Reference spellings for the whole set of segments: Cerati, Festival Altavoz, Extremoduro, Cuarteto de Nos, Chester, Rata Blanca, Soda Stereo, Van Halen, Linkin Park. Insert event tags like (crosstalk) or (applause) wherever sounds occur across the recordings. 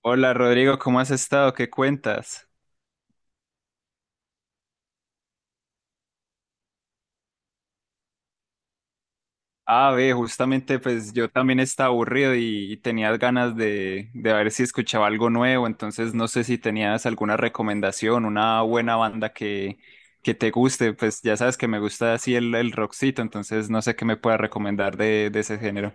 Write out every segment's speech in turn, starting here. Hola Rodrigo, ¿cómo has estado? ¿Qué cuentas? Ah, ve, justamente pues yo también estaba aburrido y tenías ganas de ver si escuchaba algo nuevo, entonces no sé si tenías alguna recomendación, una buena banda que te guste, pues ya sabes que me gusta así el rockcito, entonces no sé qué me puedas recomendar de ese género.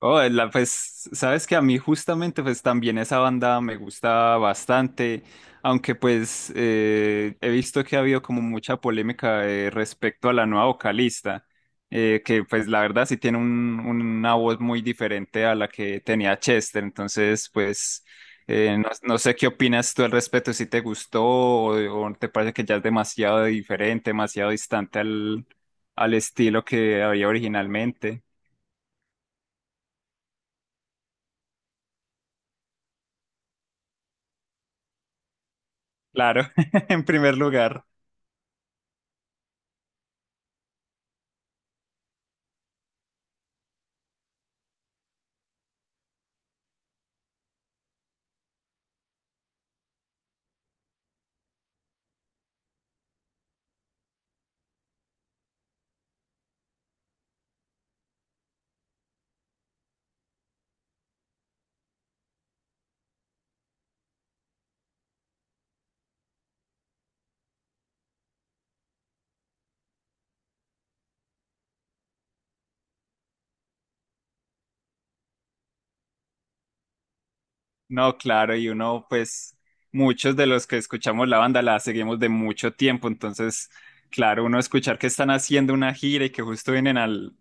Oh, pues, sabes que a mí justamente, pues también esa banda me gusta bastante, aunque pues he visto que ha habido como mucha polémica respecto a la nueva vocalista, que pues la verdad sí tiene una voz muy diferente a la que tenía Chester, entonces pues no sé qué opinas tú al respecto, si te gustó o te parece que ya es demasiado diferente, demasiado distante al estilo que había originalmente. Claro, (laughs) en primer lugar, no, claro, y uno, pues, muchos de los que escuchamos la banda la seguimos de mucho tiempo, entonces, claro, uno escuchar que están haciendo una gira y que justo vienen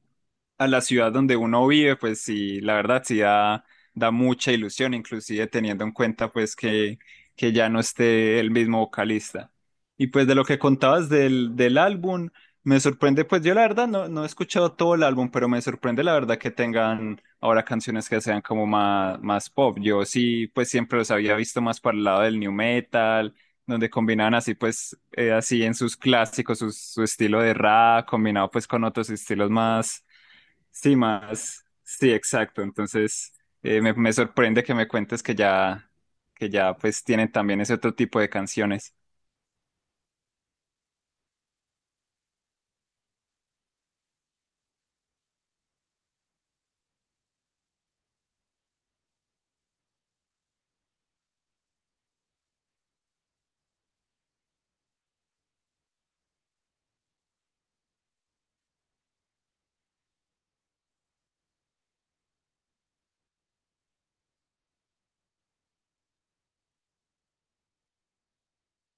a la ciudad donde uno vive, pues sí, la verdad sí da mucha ilusión, inclusive teniendo en cuenta, pues, que ya no esté el mismo vocalista. Y pues de lo que contabas del álbum, me sorprende, pues yo la verdad no he escuchado todo el álbum, pero me sorprende la verdad que tengan ahora canciones que sean como más pop. Yo sí, pues siempre los había visto más para el lado del new metal, donde combinaban así, pues, así en sus clásicos, su estilo de rap, combinado pues con otros estilos más, sí, exacto. Entonces, me sorprende que me cuentes que ya, pues tienen también ese otro tipo de canciones.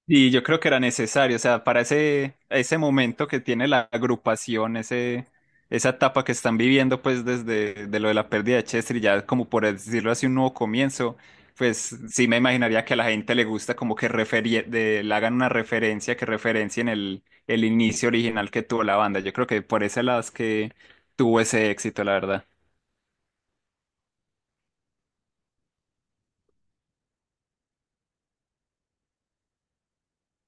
Y yo creo que era necesario, o sea, para ese momento que tiene la agrupación, esa etapa que están viviendo, pues desde de lo de la pérdida de Chester, y ya como por decirlo así, un nuevo comienzo, pues sí me imaginaría que a la gente le gusta como que le hagan una referencia, que referencien el inicio original que tuvo la banda. Yo creo que por ese lado es que tuvo ese éxito, la verdad.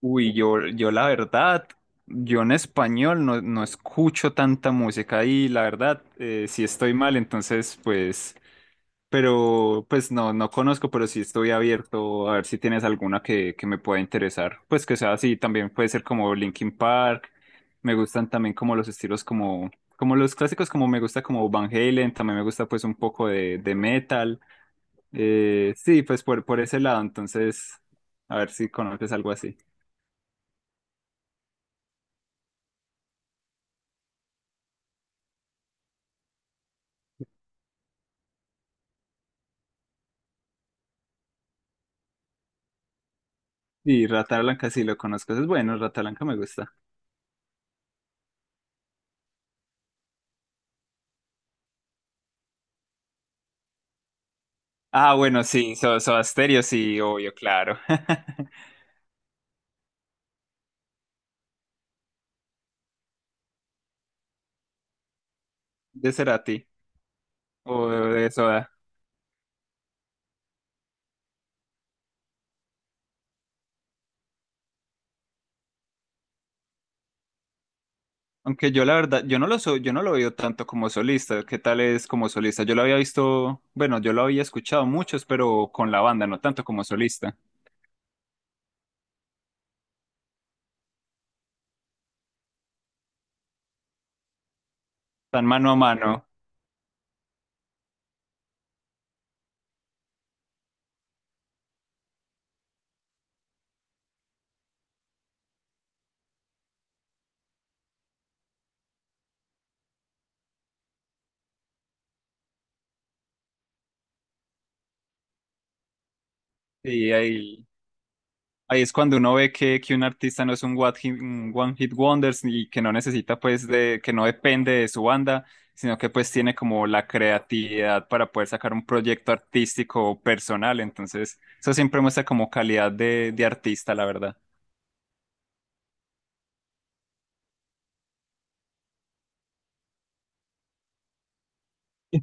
Uy, yo la verdad, yo en español no escucho tanta música y la verdad, si estoy mal, entonces pues, pero pues no conozco, pero sí estoy abierto a ver si tienes alguna que me pueda interesar. Pues que sea así, también puede ser como Linkin Park, me gustan también como los estilos como los clásicos, como me gusta como Van Halen, también me gusta pues un poco de metal. Sí, pues por ese lado, entonces, a ver si conoces algo así. Y Rata Blanca sí lo conozco, es bueno, Rata Blanca me gusta. Ah, bueno, sí, Soda Stereo, sí, obvio, claro. (laughs) ¿De Cerati o de Soda? Aunque yo la verdad, yo no lo veo tanto como solista. ¿Qué tal es como solista? Yo lo había visto, bueno, yo lo había escuchado muchos, pero con la banda, no tanto como solista. Tan mano a mano. Sí, ahí. Ahí es cuando uno ve que un artista no es un un one hit wonders y que no necesita pues que no depende de su banda, sino que pues tiene como la creatividad para poder sacar un proyecto artístico o personal. Entonces, eso siempre muestra como calidad de artista, la verdad.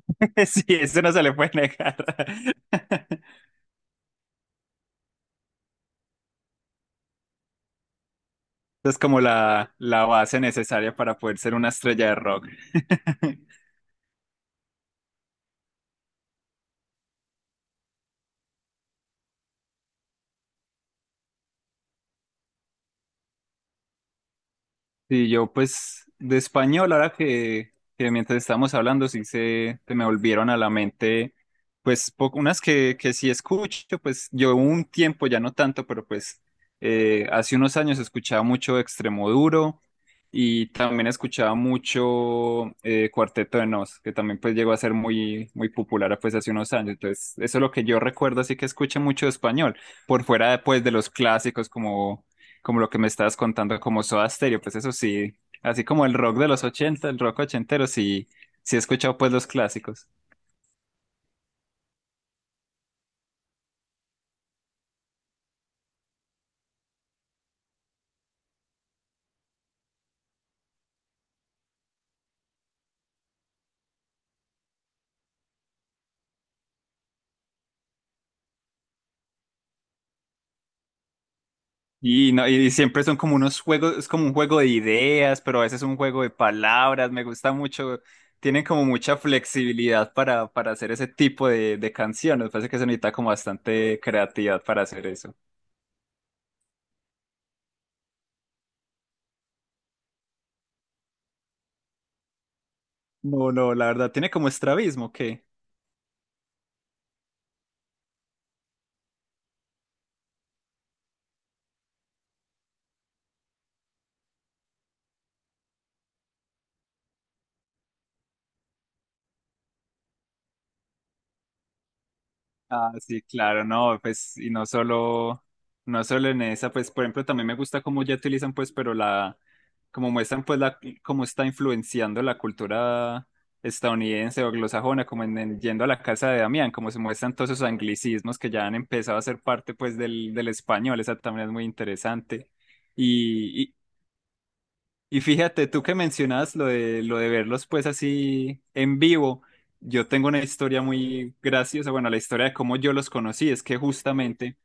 (laughs) Sí, eso no se le puede negar. (laughs) Es como la base necesaria para poder ser una estrella de rock. (laughs) Sí, yo pues de español, ahora que mientras estábamos hablando, sí se me volvieron a la mente, pues unas que sí escucho, pues yo un tiempo, ya no tanto, pero pues hace unos años escuchaba mucho Extremoduro y también escuchaba mucho Cuarteto de Nos, que también pues llegó a ser muy, muy popular pues hace unos años. Entonces, eso es lo que yo recuerdo, así que escuché mucho de español, por fuera pues de los clásicos como lo que me estabas contando, como Soda Stereo, pues eso sí, así como el rock de los ochenta, el rock ochentero, sí, sí he escuchado pues los clásicos. No, y siempre son como unos juegos, es como un juego de ideas, pero a veces un juego de palabras, me gusta mucho, tienen como mucha flexibilidad para hacer ese tipo de canciones, parece que se necesita como bastante creatividad para hacer eso. No, no, la verdad, tiene como estrabismo, ¿qué? Ah, sí, claro, no, pues, y no solo, en esa, pues, por ejemplo, también me gusta cómo ya utilizan, pues, pero como muestran, pues, cómo está influenciando la cultura estadounidense o anglosajona, como en yendo a la casa de Damián, como se muestran todos esos anglicismos que ya han empezado a ser parte, pues, del español, esa también es muy interesante. Y fíjate, tú que mencionas lo de verlos pues así en vivo, yo tengo una historia muy graciosa, bueno, la historia de cómo yo los conocí es que justamente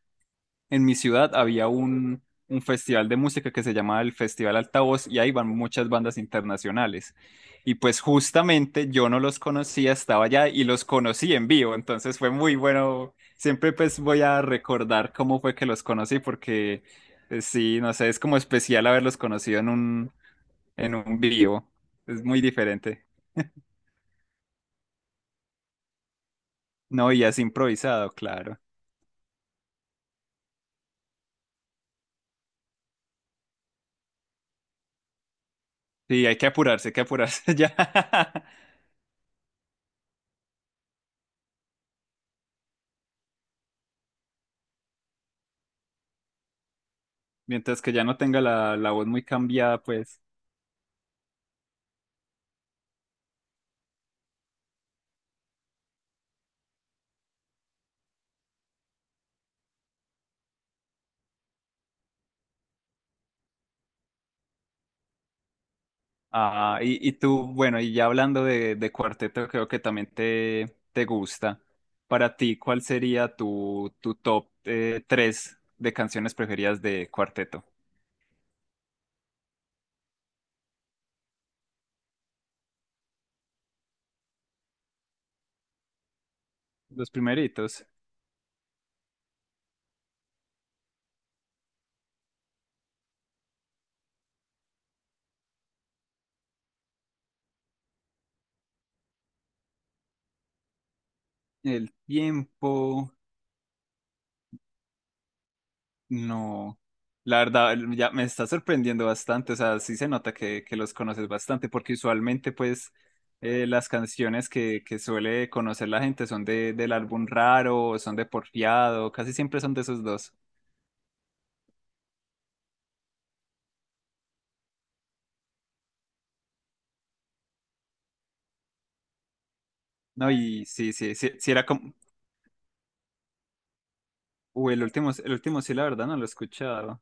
en mi ciudad había un festival de música que se llamaba el Festival Altavoz y ahí van muchas bandas internacionales. Y pues justamente yo no los conocía, estaba allá y los conocí en vivo, entonces fue muy bueno, siempre pues voy a recordar cómo fue que los conocí porque sí, no sé, es como especial haberlos conocido en un vivo. Es muy diferente. No, y es improvisado, claro. Sí, hay que apurarse (laughs) ya. Mientras que ya no tenga la voz muy cambiada, pues. Ah, y tú, bueno, y ya hablando de cuarteto, creo que también te gusta. Para ti, ¿cuál sería tu, top tres de canciones preferidas de cuarteto? Los primeritos. El tiempo. No, la verdad, ya me está sorprendiendo bastante, o sea, sí se nota que los conoces bastante, porque usualmente pues las canciones que suele conocer la gente son del álbum raro, o son de Porfiado, casi siempre son de esos dos. No, y sí, sí, sí, sí era como, uy, el último sí, la verdad, no lo he escuchado.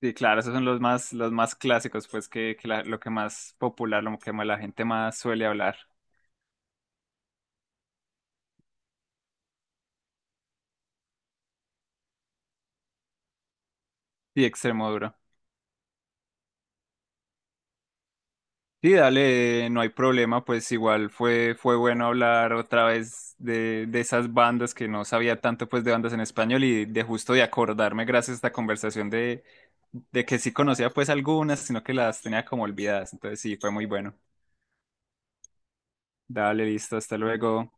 Sí, claro, esos son los más clásicos, pues que lo que más popular, lo que más la gente más suele hablar. Sí, Extremoduro. Sí, dale, no hay problema, pues igual fue bueno hablar otra vez de esas bandas que no sabía tanto pues de bandas en español y de justo de acordarme gracias a esta conversación de que sí conocía pues algunas, sino que las tenía como olvidadas. Entonces sí, fue muy bueno. Dale, listo, hasta luego.